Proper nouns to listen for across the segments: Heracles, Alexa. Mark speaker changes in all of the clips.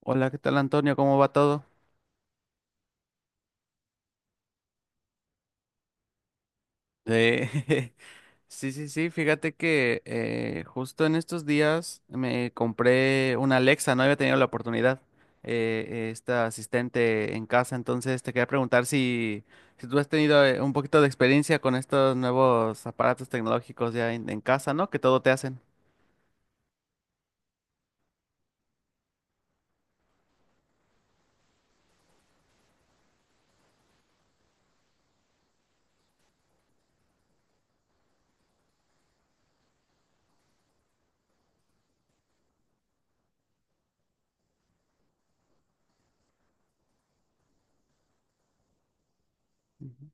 Speaker 1: Hola, ¿qué tal Antonio? ¿Cómo va todo? Eh, sí, sí, sí, fíjate que justo en estos días me compré una Alexa, no había tenido la oportunidad, esta asistente en casa, entonces te quería preguntar si, si tú has tenido un poquito de experiencia con estos nuevos aparatos tecnológicos ya en casa, ¿no? Que todo te hacen. Ujú.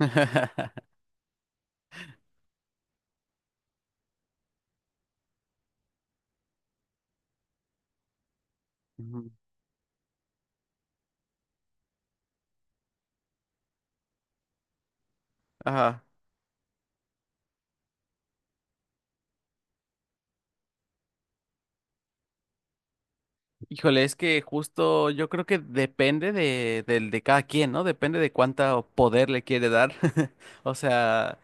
Speaker 1: Ujú. Ajá. Híjole, es que justo yo creo que depende del de cada quien, ¿no? Depende de cuánto poder le quiere dar. O sea,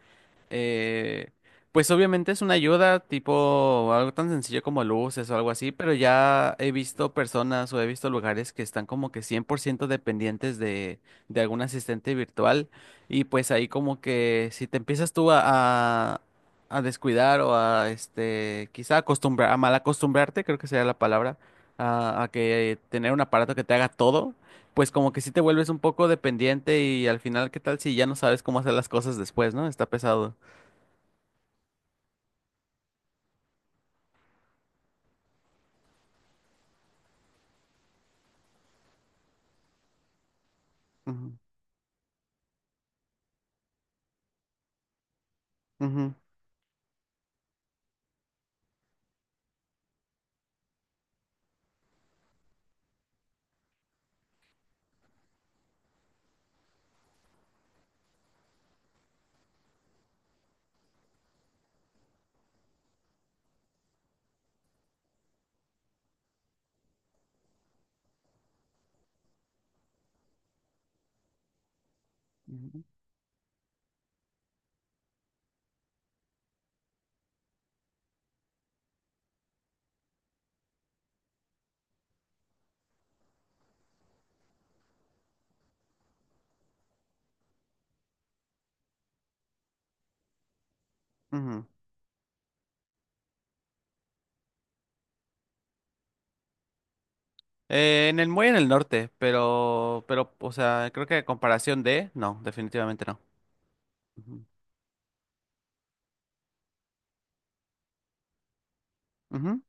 Speaker 1: eh, pues obviamente es una ayuda tipo algo tan sencillo como luces o algo así, pero ya he visto personas o he visto lugares que están como que 100% dependientes de algún asistente virtual y pues ahí como que si te empiezas tú a, a descuidar o a este, quizá acostumbrar, a mal acostumbrarte, creo que sería la palabra a que tener un aparato que te haga todo, pues como que sí te vuelves un poco dependiente y al final, ¿qué tal si ya no sabes cómo hacer las cosas después, ¿no? Está pesado. Ujú, ujú, ujú, ujú. En el muy en el norte, pero, o sea, creo que a comparación de, no, definitivamente no. Ujú, ujú.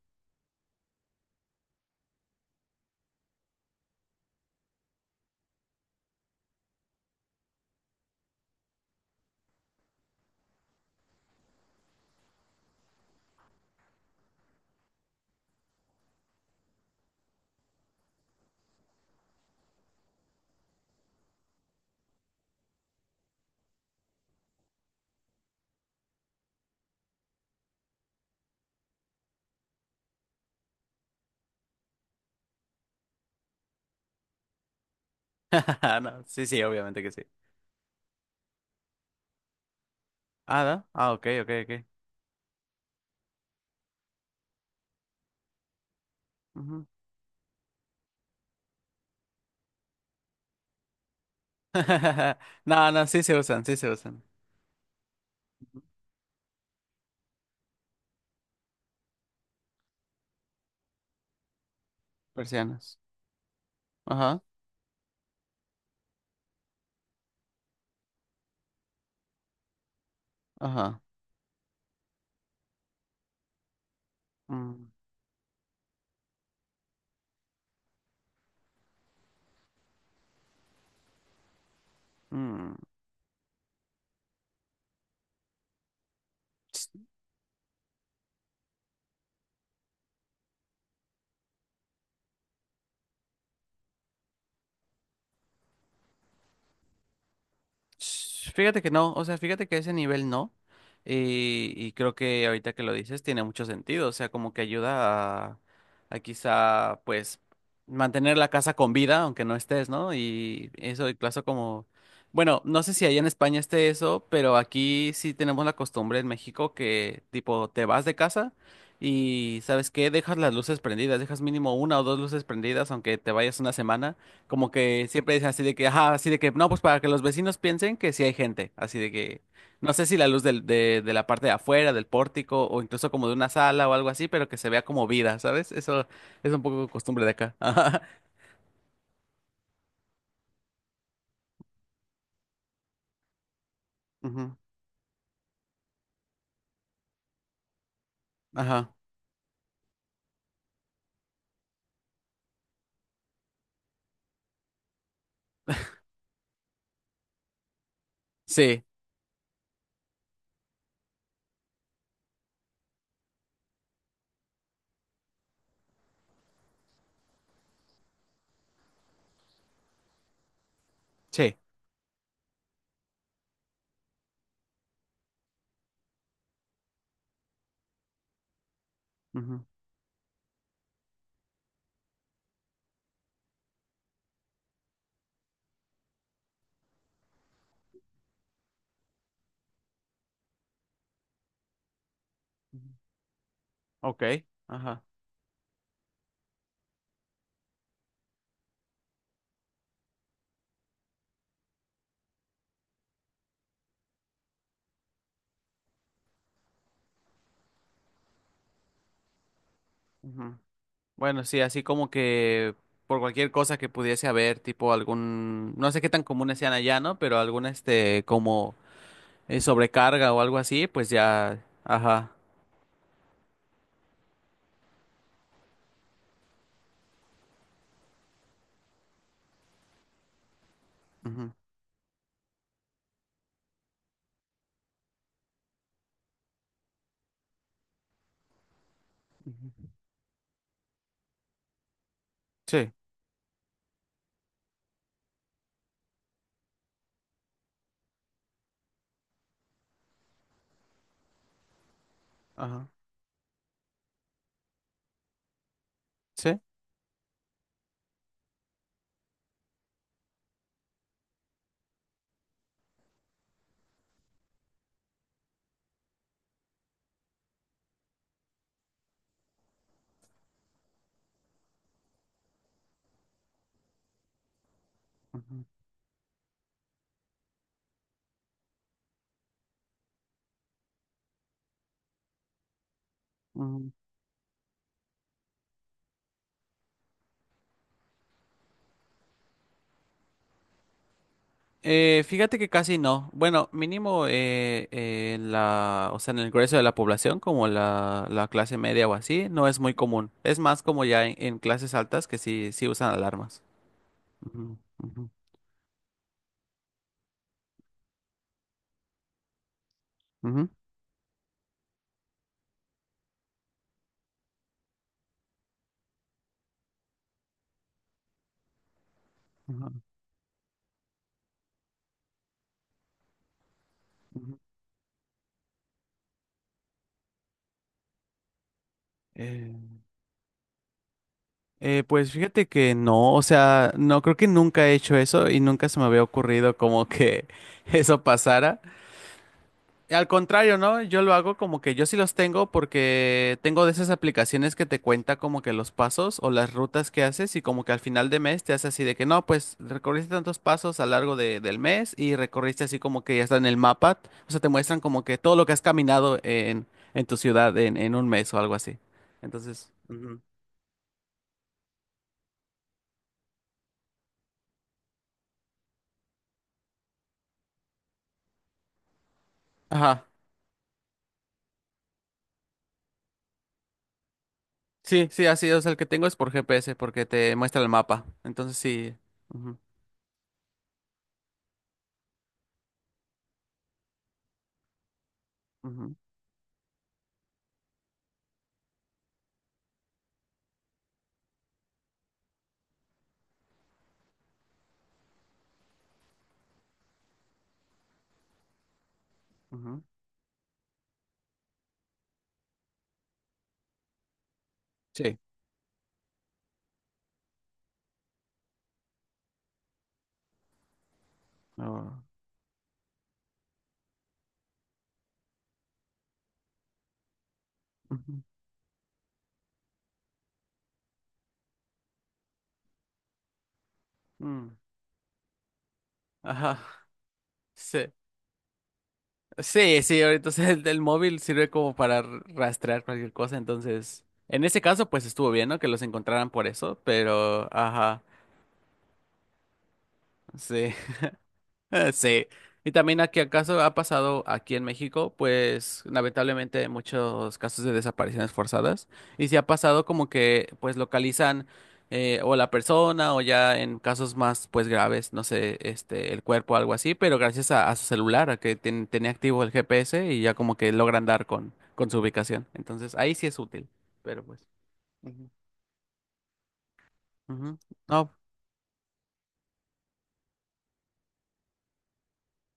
Speaker 1: No, sí, sí, obviamente que sí. Ah, ¿no? Ah, ok, ok, ok. Ujú. No, no, sí se usan, sí se usan. Ujú. Persianas. Ajá, ajá. Mm, mm. Sh- Fíjate que no, o sea, fíjate que a ese nivel no. Y creo que ahorita que lo dices tiene mucho sentido, o sea, como que ayuda a quizá, pues, mantener la casa con vida, aunque no estés, ¿no? Y eso, incluso como, bueno, no sé si allá en España esté eso, pero aquí sí tenemos la costumbre en México que, tipo, te vas de casa y, ¿sabes qué? Dejas las luces prendidas, dejas mínimo una o dos luces prendidas, aunque te vayas una semana. Como que siempre dicen así de que, ajá, así de que, no, pues para que los vecinos piensen que sí hay gente, así de que, no sé si la luz del- de la parte de afuera, del pórtico, o incluso como de una sala o algo así, pero que se vea como vida, ¿sabes? Eso es un poco costumbre de acá. Ajá. Ujú. Ajá. Sí, sí. Ujú. Ujú. Ok. Ajá. Ujú. Bueno, sí, así como que por cualquier cosa que pudiese haber, tipo algún, no sé qué tan comunes sean allá, ¿no? Pero algún, este, como sobrecarga o algo así, pues ya, ajá. Ujú, ujú. Sí, ajá, sí. Ujú, ujú. Fíjate que casi no. Bueno, mínimo en la, o sea, en el grueso de la población, como la clase media o así, no es muy común. Es más como ya en clases altas que sí, sí usan alarmas. Ujú, ujú, ujú, ujú, ujú. Eh, pues fíjate que no, o sea, no creo que nunca he hecho eso y nunca se me había ocurrido como que eso pasara. Al contrario, ¿no? Yo lo hago como que yo sí los tengo porque tengo de esas aplicaciones que te cuenta como que los pasos o las rutas que haces y como que al final de mes te hace así de que no, pues recorriste tantos pasos a lo largo de- del mes y recorriste así como que ya está en el mapa. O sea, te muestran como que todo lo que has caminado en tu ciudad en un mes o algo así. Entonces, ujú. Ajá. Sí, sí, así. O sea, el que tengo es por GPS porque te muestra el mapa. Entonces sí. Ujú, ujú, ujú. Sí. Ah, ujú, mm. Ajá. Sí. Sí, sí, ahorita o sea, el móvil sirve como para r- rastrear cualquier cosa, entonces, en ese caso, pues estuvo bien, ¿no? Que los encontraran por eso, pero, ajá, sí. Sí, y también aquí acaso ha pasado aquí en México, pues lamentablemente muchos casos de desapariciones forzadas, y si ha pasado como que pues localizan o la persona o ya en casos más pues graves, no sé, este, el cuerpo o algo así, pero gracias a su celular, a que ten- tenía activo el GPS y ya como que logran dar con su ubicación, entonces ahí sí es útil, pero pues. Ujú. Ujú. No,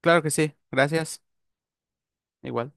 Speaker 1: claro que sí, gracias, igual.